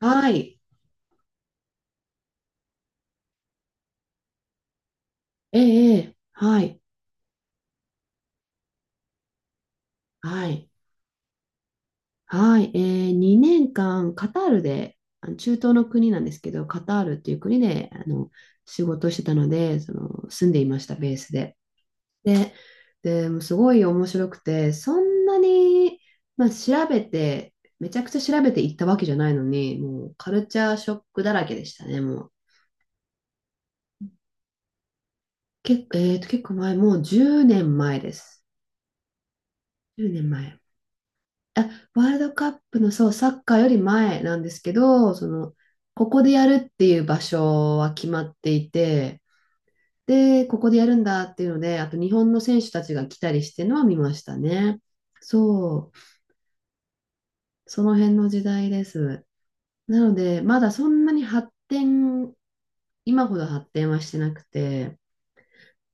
はい。ええ、ええ、はい。はい。はい。ええ、2年間、カタールで、あの中東の国なんですけど、カタールっていう国で、仕事をしてたので、住んでいました、ベースで。で、で、もうすごい面白くて、そんなに、まあ、調べて、めちゃくちゃ調べていったわけじゃないのに、もう、カルチャーショックだらけでしたね、もう。結構、えーと、結構前、もう10年前です。10年前。あ、ワールドカップの、そう、サッカーより前なんですけど、その、ここでやるっていう場所は決まっていて、で、ここでやるんだっていうので、あと日本の選手たちが来たりしてるのは見ましたね。そう、その辺の時代です。なので、まだそんなに発展、今ほど発展はしてなくて、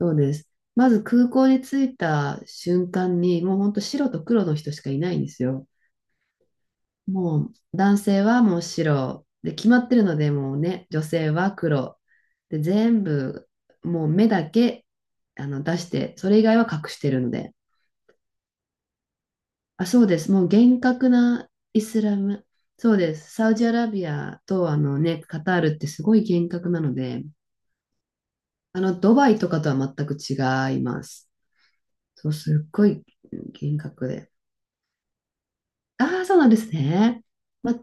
そうです。まず空港に着いた瞬間に、もうほんと白と黒の人しかいないんですよ。もう男性はもう白で決まってるので、もうね、女性は黒で全部、もう目だけ出して、それ以外は隠してるので。あ、そうです、もう厳格なイスラム。そうです、サウジアラビアと、あのね、カタールってすごい厳格なので、あの、ドバイとかとは全く違います。そう、すっごい厳格で。ああー、そうなんですね。ま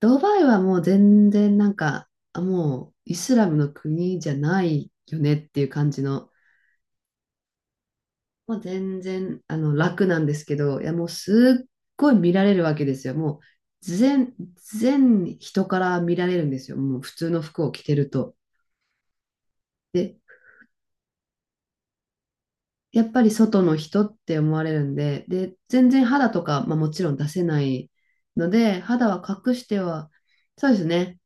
ドバイはもう全然なんか、あ、もうイスラムの国じゃないよねっていう感じの、もう全然楽なんですけど、いや、もうすっごい見られるわけですよ。もう全人から見られるんですよ。もう普通の服を着てると。で、やっぱり外の人って思われるんで、で、全然肌とか、まあ、もちろん出せないので、肌は隠しては、そうですね。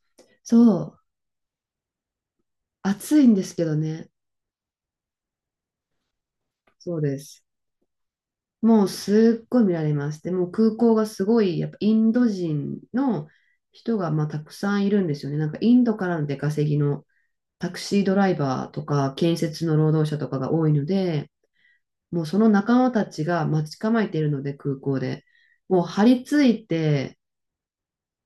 そう、暑いんですけどね。そうです。もうすっごい見られます。で、もう空港がすごい、やっぱインド人の人がまあたくさんいるんですよね。なんかインドからの出稼ぎのタクシードライバーとか建設の労働者とかが多いので、もうその仲間たちが待ち構えているので、空港で。もう張り付いて、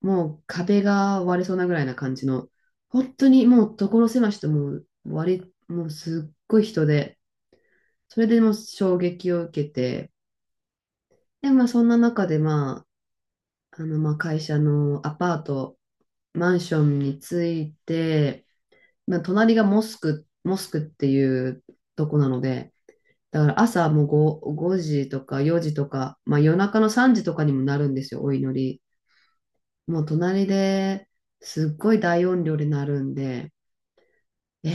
もう壁が割れそうなぐらいな感じの、本当にもう所狭しと、もうすっごい人で、それでもう衝撃を受けて、で、まあそんな中で、まあ、まあ、会社のアパート、マンションについて、まあ、隣がモスクっていうとこなので、だから朝もう 5, 時とか4時とか、まあ、夜中の3時とかにもなるんですよ、お祈り。もう隣ですっごい大音量で鳴るんで、え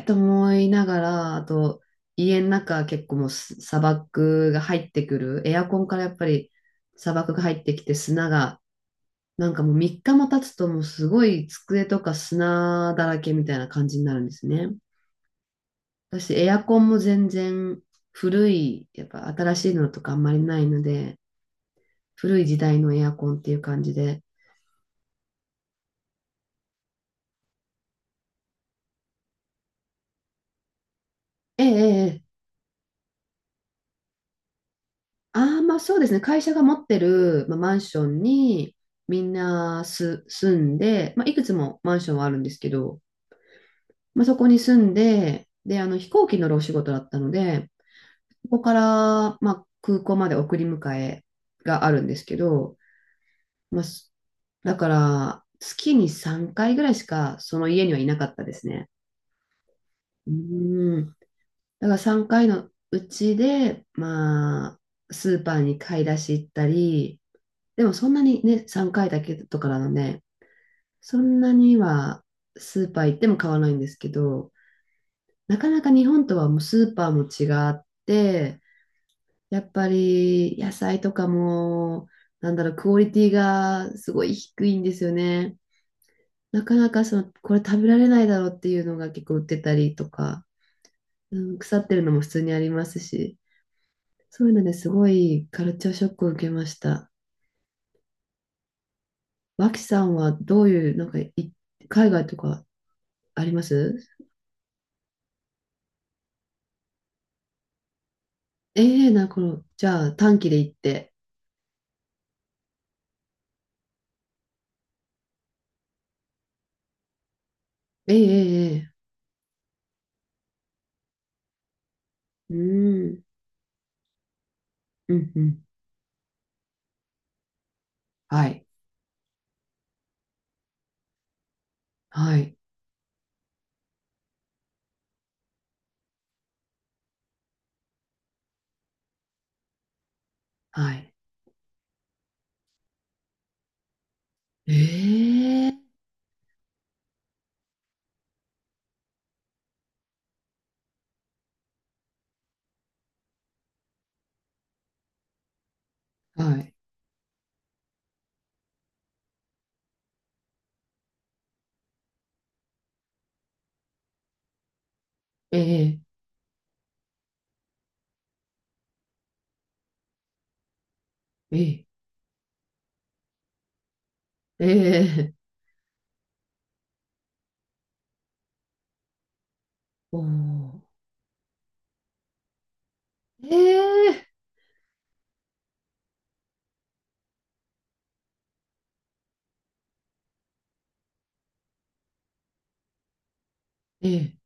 えーと思いながら、あと家の中結構もう砂漠が入ってくる、エアコンからやっぱり砂漠が入ってきて、砂がなんかもう3日も経つと、もうすごい机とか砂だらけみたいな感じになるんですね。私エアコンも全然古い、やっぱ新しいのとかあんまりないので、古い時代のエアコンっていう感じで、ええええええ、ああ、まあそうですね、会社が持ってる、まあ、マンションにみんな住んで、まあ、いくつもマンションはあるんですけど、まあ、そこに住んで、で、飛行機乗るお仕事だったので、ここから、まあ、空港まで送り迎えがあるんですけど、まあ、だから、月に3回ぐらいしかその家にはいなかったですね。うん。だから3回のうちで、まあ、スーパーに買い出し行ったり、でもそんなにね、3回だけとかなので、そんなにはスーパー行っても買わないんですけど、なかなか日本とはもうスーパーも違って、やっぱり野菜とかも、なんだろう、クオリティがすごい低いんですよね。なかなかその、これ食べられないだろうっていうのが結構売ってたりとか、うん、腐ってるのも普通にありますし、そういうのですごいカルチャーショックを受けました。脇さんはどういう、なんかい、海外とかあります。ええーな、この、じゃあ短期で行って。ええええええ、うん、うん、うん。はい、はい、はい。ええ、はい。ええええ、ええ、おー、ええ、ええ、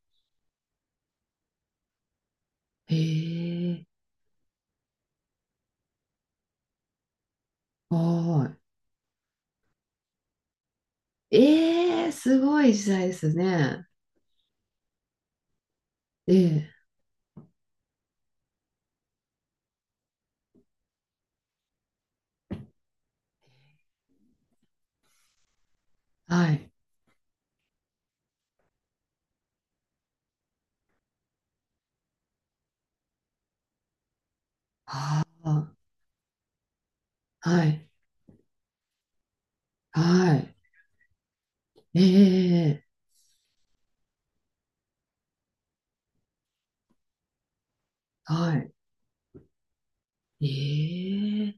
ええ、はーい。ええ、すごい時代ですね。ええ、はい。ああ、はい、はい。ええ、はい。ええ、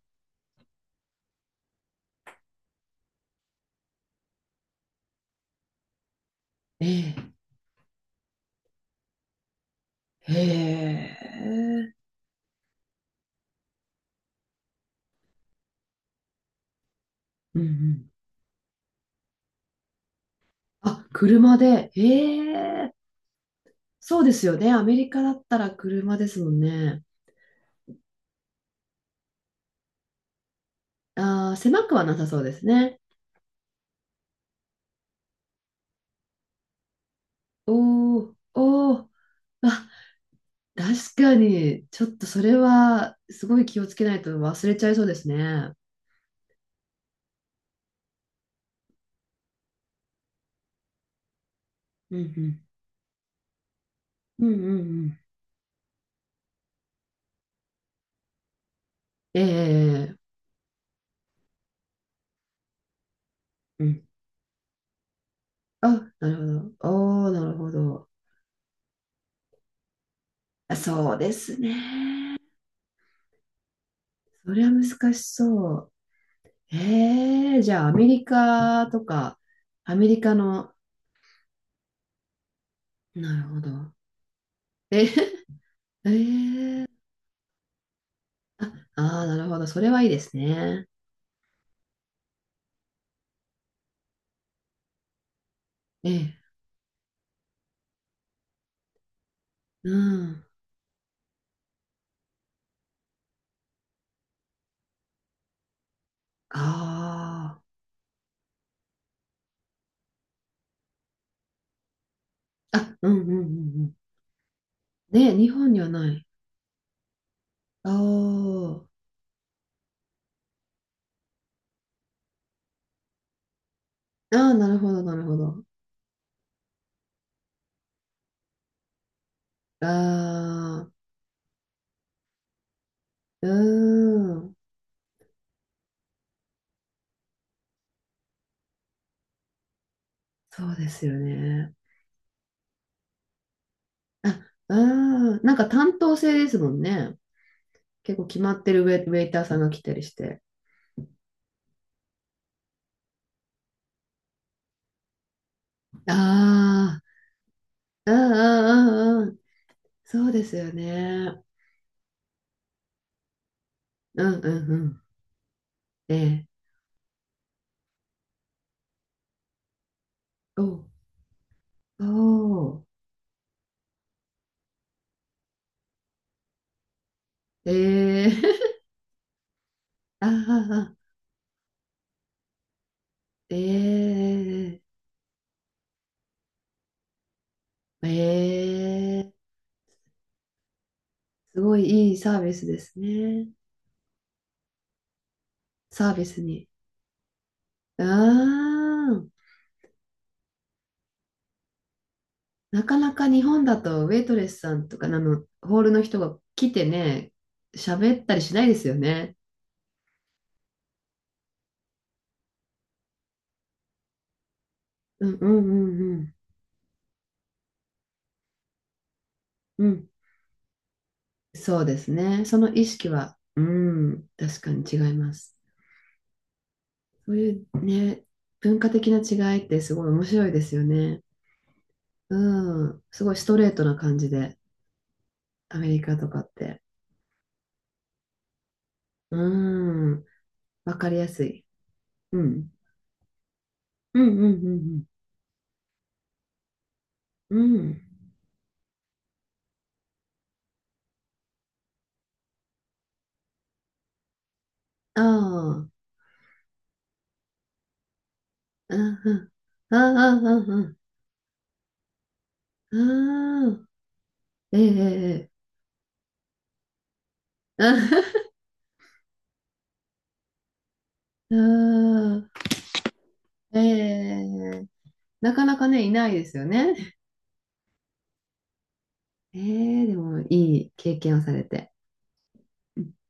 ええ、ええ、うんうん。あ、車で、ええ、そうですよね。アメリカだったら車ですもんね。ああ、狭くはなさそうですね。おー、おー。わ、確かに、ちょっとそれはすごい気をつけないと忘れちゃいそうですね。うんうん。うんうんうん。ええ、うん、あ、なるほど。おー、なるほど。あ、そうですね。それは難しそう。ええ、じゃあアメリカとか、アメリカの、なるほど。え、ええ、あ、あー、なるほど。それはいいですね。ええ、うん。ああ。あ、うんうんうんうん。ね、日本にはない。おー。ああ、なるほど、なるほど。ああ、うーん。そうですよね。あ、うん。なんか担当制ですもんね。結構決まってるウェイターさんが来たりして。ああ、うんうんうんうん。そうですよね。うんうんうん。ええ。おう、おう、ええ。ああ、ええ。ええ。すごいいいサービスですね。サービスに。あー、なかなか日本だとウェイトレスさんとかあのホールの人が来てね、喋ったりしないですよね。うんうんうんうん。うん。そうですね。その意識は、うん、確かに違います。そういうね、文化的な違いってすごい面白いですよね。うん。すごいストレートな感じで、アメリカとかって。うん。わかりやすい。うん。うんうんうんうん。うん。ああ。うんうん。ああ、うんうん。ああ、ええ、ええ。うん、ええ。なかなかね、いないですよね。ええ、でもいい経験をされて。